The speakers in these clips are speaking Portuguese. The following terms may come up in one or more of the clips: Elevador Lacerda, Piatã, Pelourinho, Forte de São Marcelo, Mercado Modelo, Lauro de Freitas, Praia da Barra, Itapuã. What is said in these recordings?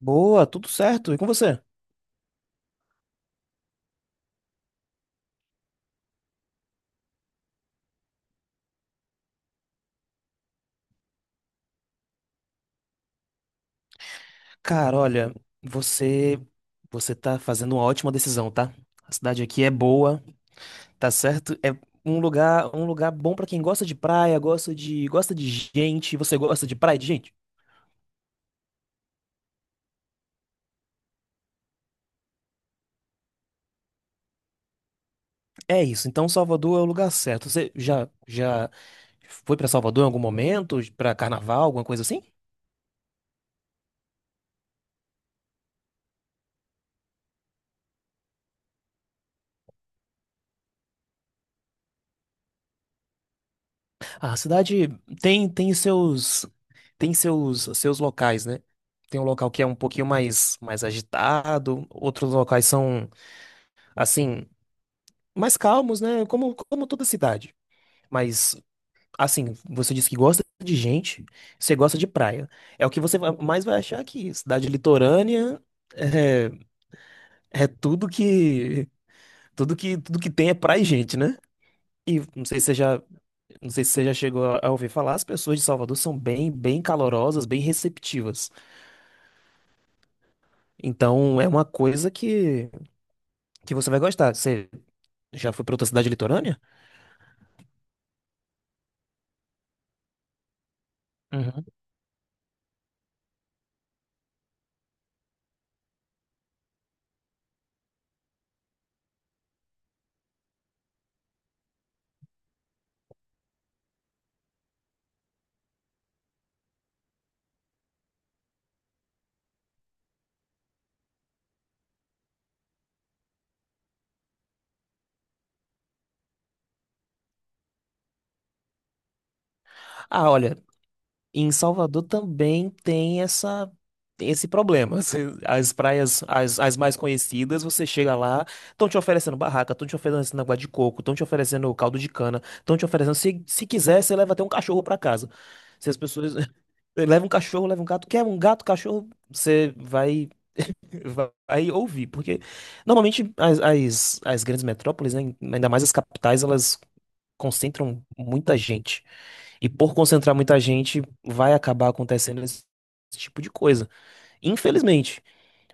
Boa, tudo certo. E com você? Cara, olha, você você tá fazendo uma ótima decisão, tá? A cidade aqui é boa, tá certo? É um lugar bom pra quem gosta de praia, gosta de gente. Você gosta de praia e de gente? É isso. Então Salvador é o lugar certo. Você já foi pra Salvador em algum momento, pra carnaval, alguma coisa assim? A cidade tem tem seus seus locais, né? Tem um local que é um pouquinho mais agitado, outros locais são assim mais calmos, né? Como toda cidade. Mas assim, você disse que gosta de gente, você gosta de praia. É o que mais vai achar aqui. Cidade litorânea é, é tudo que tudo que tem é praia e gente, né? E não sei se você já Não sei se você já chegou a ouvir falar, as pessoas de Salvador são bem, bem calorosas, bem receptivas. Então é uma coisa que você vai gostar. Você já foi para outra cidade litorânea? Uhum. Ah, olha, e em Salvador também tem essa esse problema. As praias, as mais conhecidas, você chega lá, estão te oferecendo barraca, estão te oferecendo água de coco, estão te oferecendo caldo de cana, estão te oferecendo. Se quiser, você leva até um cachorro para casa. Se as pessoas. Leva um cachorro, leva um gato. Quer um gato, cachorro? Você vai, vai ouvir. Porque normalmente as grandes metrópoles, né, ainda mais as capitais, elas concentram muita gente. E por concentrar muita gente, vai acabar acontecendo esse tipo de coisa. Infelizmente.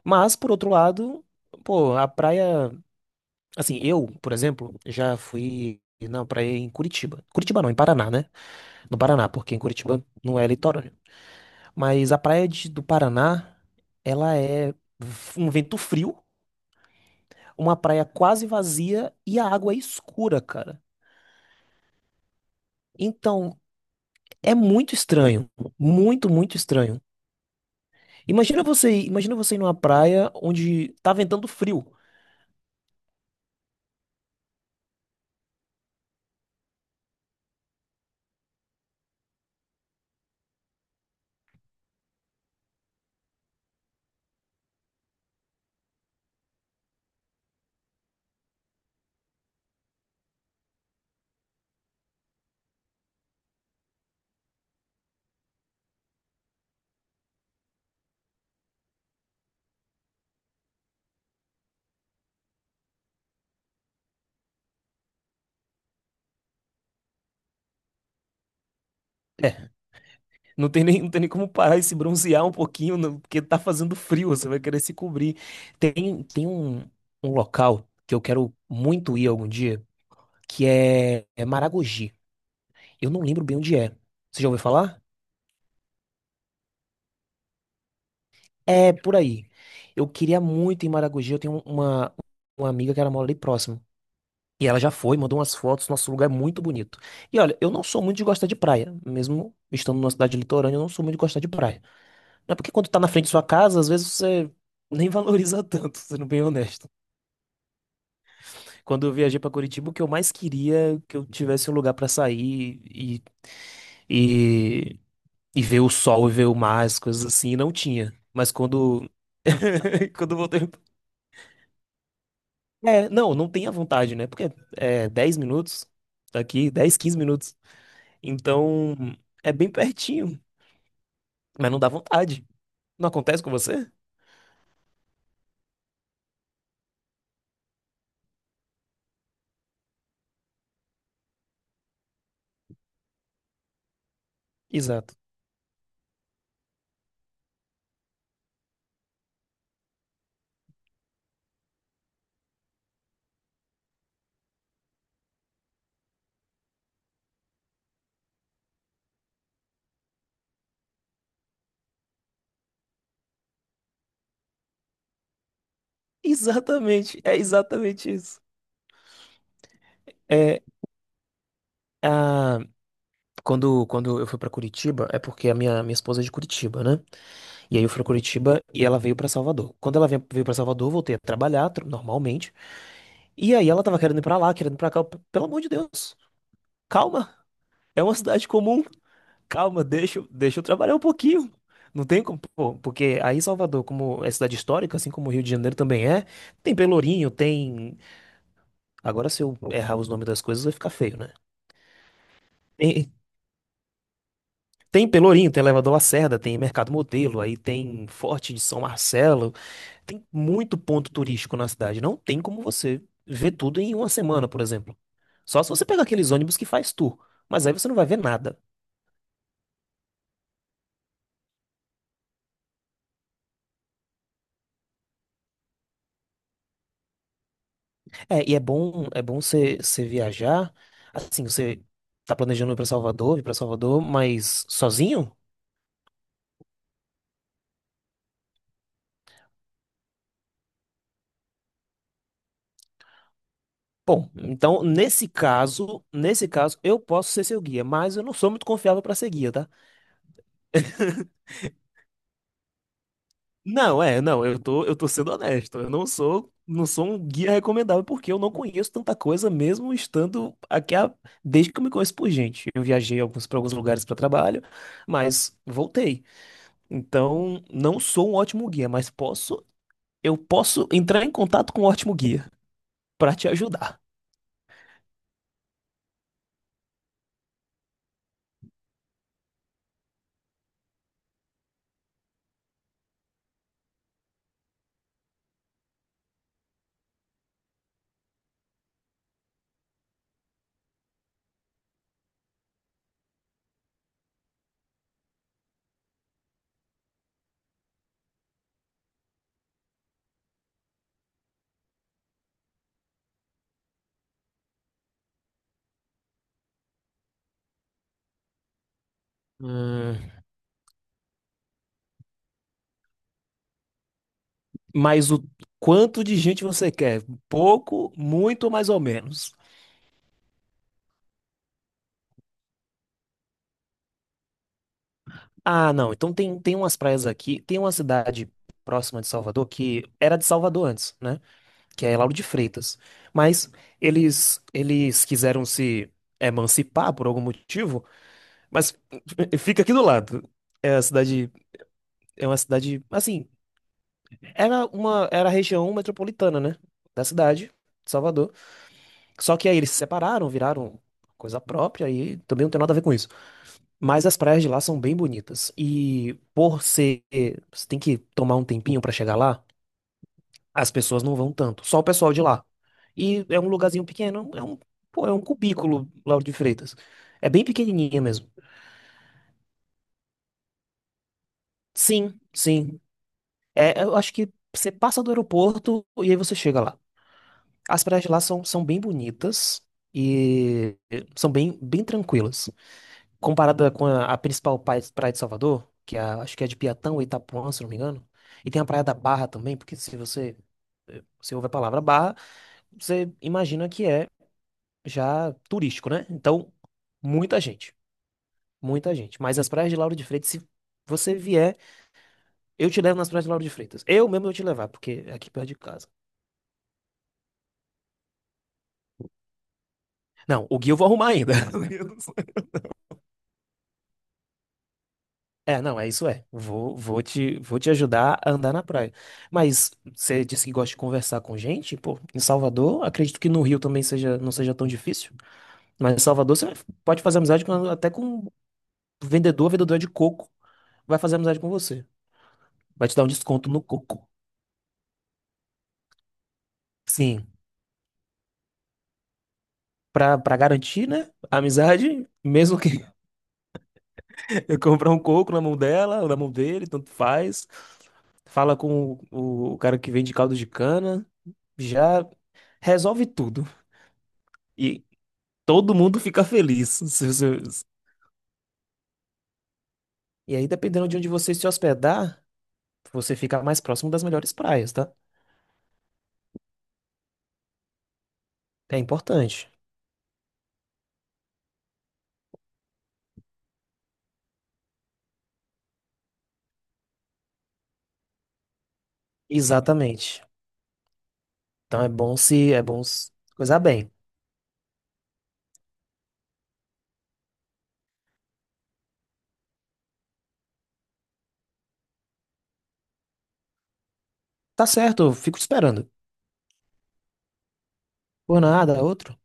Mas, por outro lado, pô, a praia. Assim, eu, por exemplo, já fui na praia em Curitiba. Curitiba não, em Paraná, né? No Paraná, porque em Curitiba não é litorâneo. Mas a do Paraná, ela é um vento frio, uma praia quase vazia e a água é escura, cara. Então, é muito estranho. Muito, muito estranho. Imagina você, imagina você ir numa praia onde tá ventando frio. É, não tem nem como parar e se bronzear um pouquinho, não, porque tá fazendo frio, você vai querer se cobrir. Tem, um local que eu quero muito ir algum dia, que é, é Maragogi. Eu não lembro bem onde é. Você já ouviu falar? É, por aí. Eu queria muito ir em Maragogi, eu tenho uma amiga que ela mora ali próximo. E ela já foi, mandou umas fotos, nosso lugar é muito bonito. E olha, eu não sou muito de gostar de praia, mesmo estando numa cidade litorânea, eu não sou muito de gostar de praia. Não é porque quando tá na frente de sua casa, às vezes você nem valoriza tanto, sendo bem honesto. Quando eu viajei pra Curitiba, o que eu mais queria é que eu tivesse um lugar pra sair e, e ver o sol e ver o mar, as coisas assim, e não tinha. Mas quando quando eu voltei, é, não, não tem a vontade, né? Porque é 10 minutos daqui, 10 15 minutos. Então, é bem pertinho, mas não dá vontade. Não acontece com você? Exato. Exatamente, é exatamente isso. É, a... quando eu fui pra Curitiba, é porque a minha esposa é de Curitiba, né? E aí eu fui pra Curitiba e ela veio pra Salvador. Quando ela veio pra Salvador, eu voltei a trabalhar normalmente. E aí ela tava querendo ir pra lá, querendo ir pra cá. Eu, pelo amor de Deus, calma. É uma cidade comum. Calma, deixa, deixa eu trabalhar um pouquinho. Não tem como, pô, porque aí Salvador, como é cidade histórica, assim como o Rio de Janeiro também é, tem Pelourinho, tem. Agora, se eu errar os nomes das coisas, vai ficar feio, né? Tem, tem Pelourinho, tem Elevador Lacerda, tem Mercado Modelo, aí tem Forte de São Marcelo, tem muito ponto turístico na cidade. Não tem como você ver tudo em uma semana, por exemplo. Só se você pegar aqueles ônibus que faz tour, mas aí você não vai ver nada. É, e é bom você viajar. Assim, você tá planejando ir pra Salvador, vir pra Salvador, mas sozinho? Bom, então nesse caso eu posso ser seu guia, mas eu não sou muito confiável pra ser guia, tá? Não, é, não, eu tô sendo honesto. Eu não sou, não sou um guia recomendável porque eu não conheço tanta coisa mesmo estando aqui desde que eu me conheço por gente. Eu viajei alguns para alguns lugares para trabalho, mas voltei. Então, não sou um ótimo guia, mas posso eu posso entrar em contato com o Ótimo Guia para te ajudar. Hum, Mas o quanto de gente você quer? Pouco, muito, mais ou menos. Ah, não. Então tem, tem umas praias aqui. Tem uma cidade próxima de Salvador que era de Salvador antes, né? Que é Lauro de Freitas. Mas eles quiseram se emancipar por algum motivo, mas fica aqui do lado. É a cidade, é uma cidade, assim, era a região metropolitana, né, da cidade, de Salvador. Só que aí eles se separaram, viraram coisa própria e também não tem nada a ver com isso. Mas as praias de lá são bem bonitas e por ser, você tem que tomar um tempinho pra chegar lá. As pessoas não vão tanto, só o pessoal de lá. E é um lugarzinho pequeno, pô, é um cubículo, Lauro de Freitas. É bem pequenininha mesmo. Sim, sim. É, eu acho que você passa do aeroporto e aí você chega lá. As praias de lá são, são bem bonitas e são bem, bem tranquilas. Comparada com a principal praia de Salvador, que é acho que é de Piatã ou Itapuã, se não me engano. E tem a Praia da Barra também, porque se você, eh, você ouve a palavra barra, você imagina que é já turístico, né? Então, muita gente, muita gente. Mas as praias de Lauro de Freitas, se você vier, eu te levo nas praias de Lauro de Freitas. Eu mesmo vou te levar, porque é aqui perto de casa. Não, o guia eu vou arrumar ainda. É, não, é isso é. Vou, vou te ajudar a andar na praia. Mas você disse que gosta de conversar com gente, pô, em Salvador, acredito que no Rio também seja, não seja tão difícil. Mas em Salvador você pode fazer amizade até com vendedor, vendedor de coco, vai fazer amizade com você. Vai te dar um desconto no coco. Sim. Pra, pra garantir, né? A amizade, mesmo que eu comprar um coco na mão dela, ou na mão dele, tanto faz. Fala com o cara que vende caldo de cana, já resolve tudo. E todo mundo fica feliz. Se você- E aí, dependendo de onde você se hospedar, você fica mais próximo das melhores praias, tá? É importante. Exatamente. Então é bom se coisar bem. Tá certo, eu fico te esperando. Por nada, outro.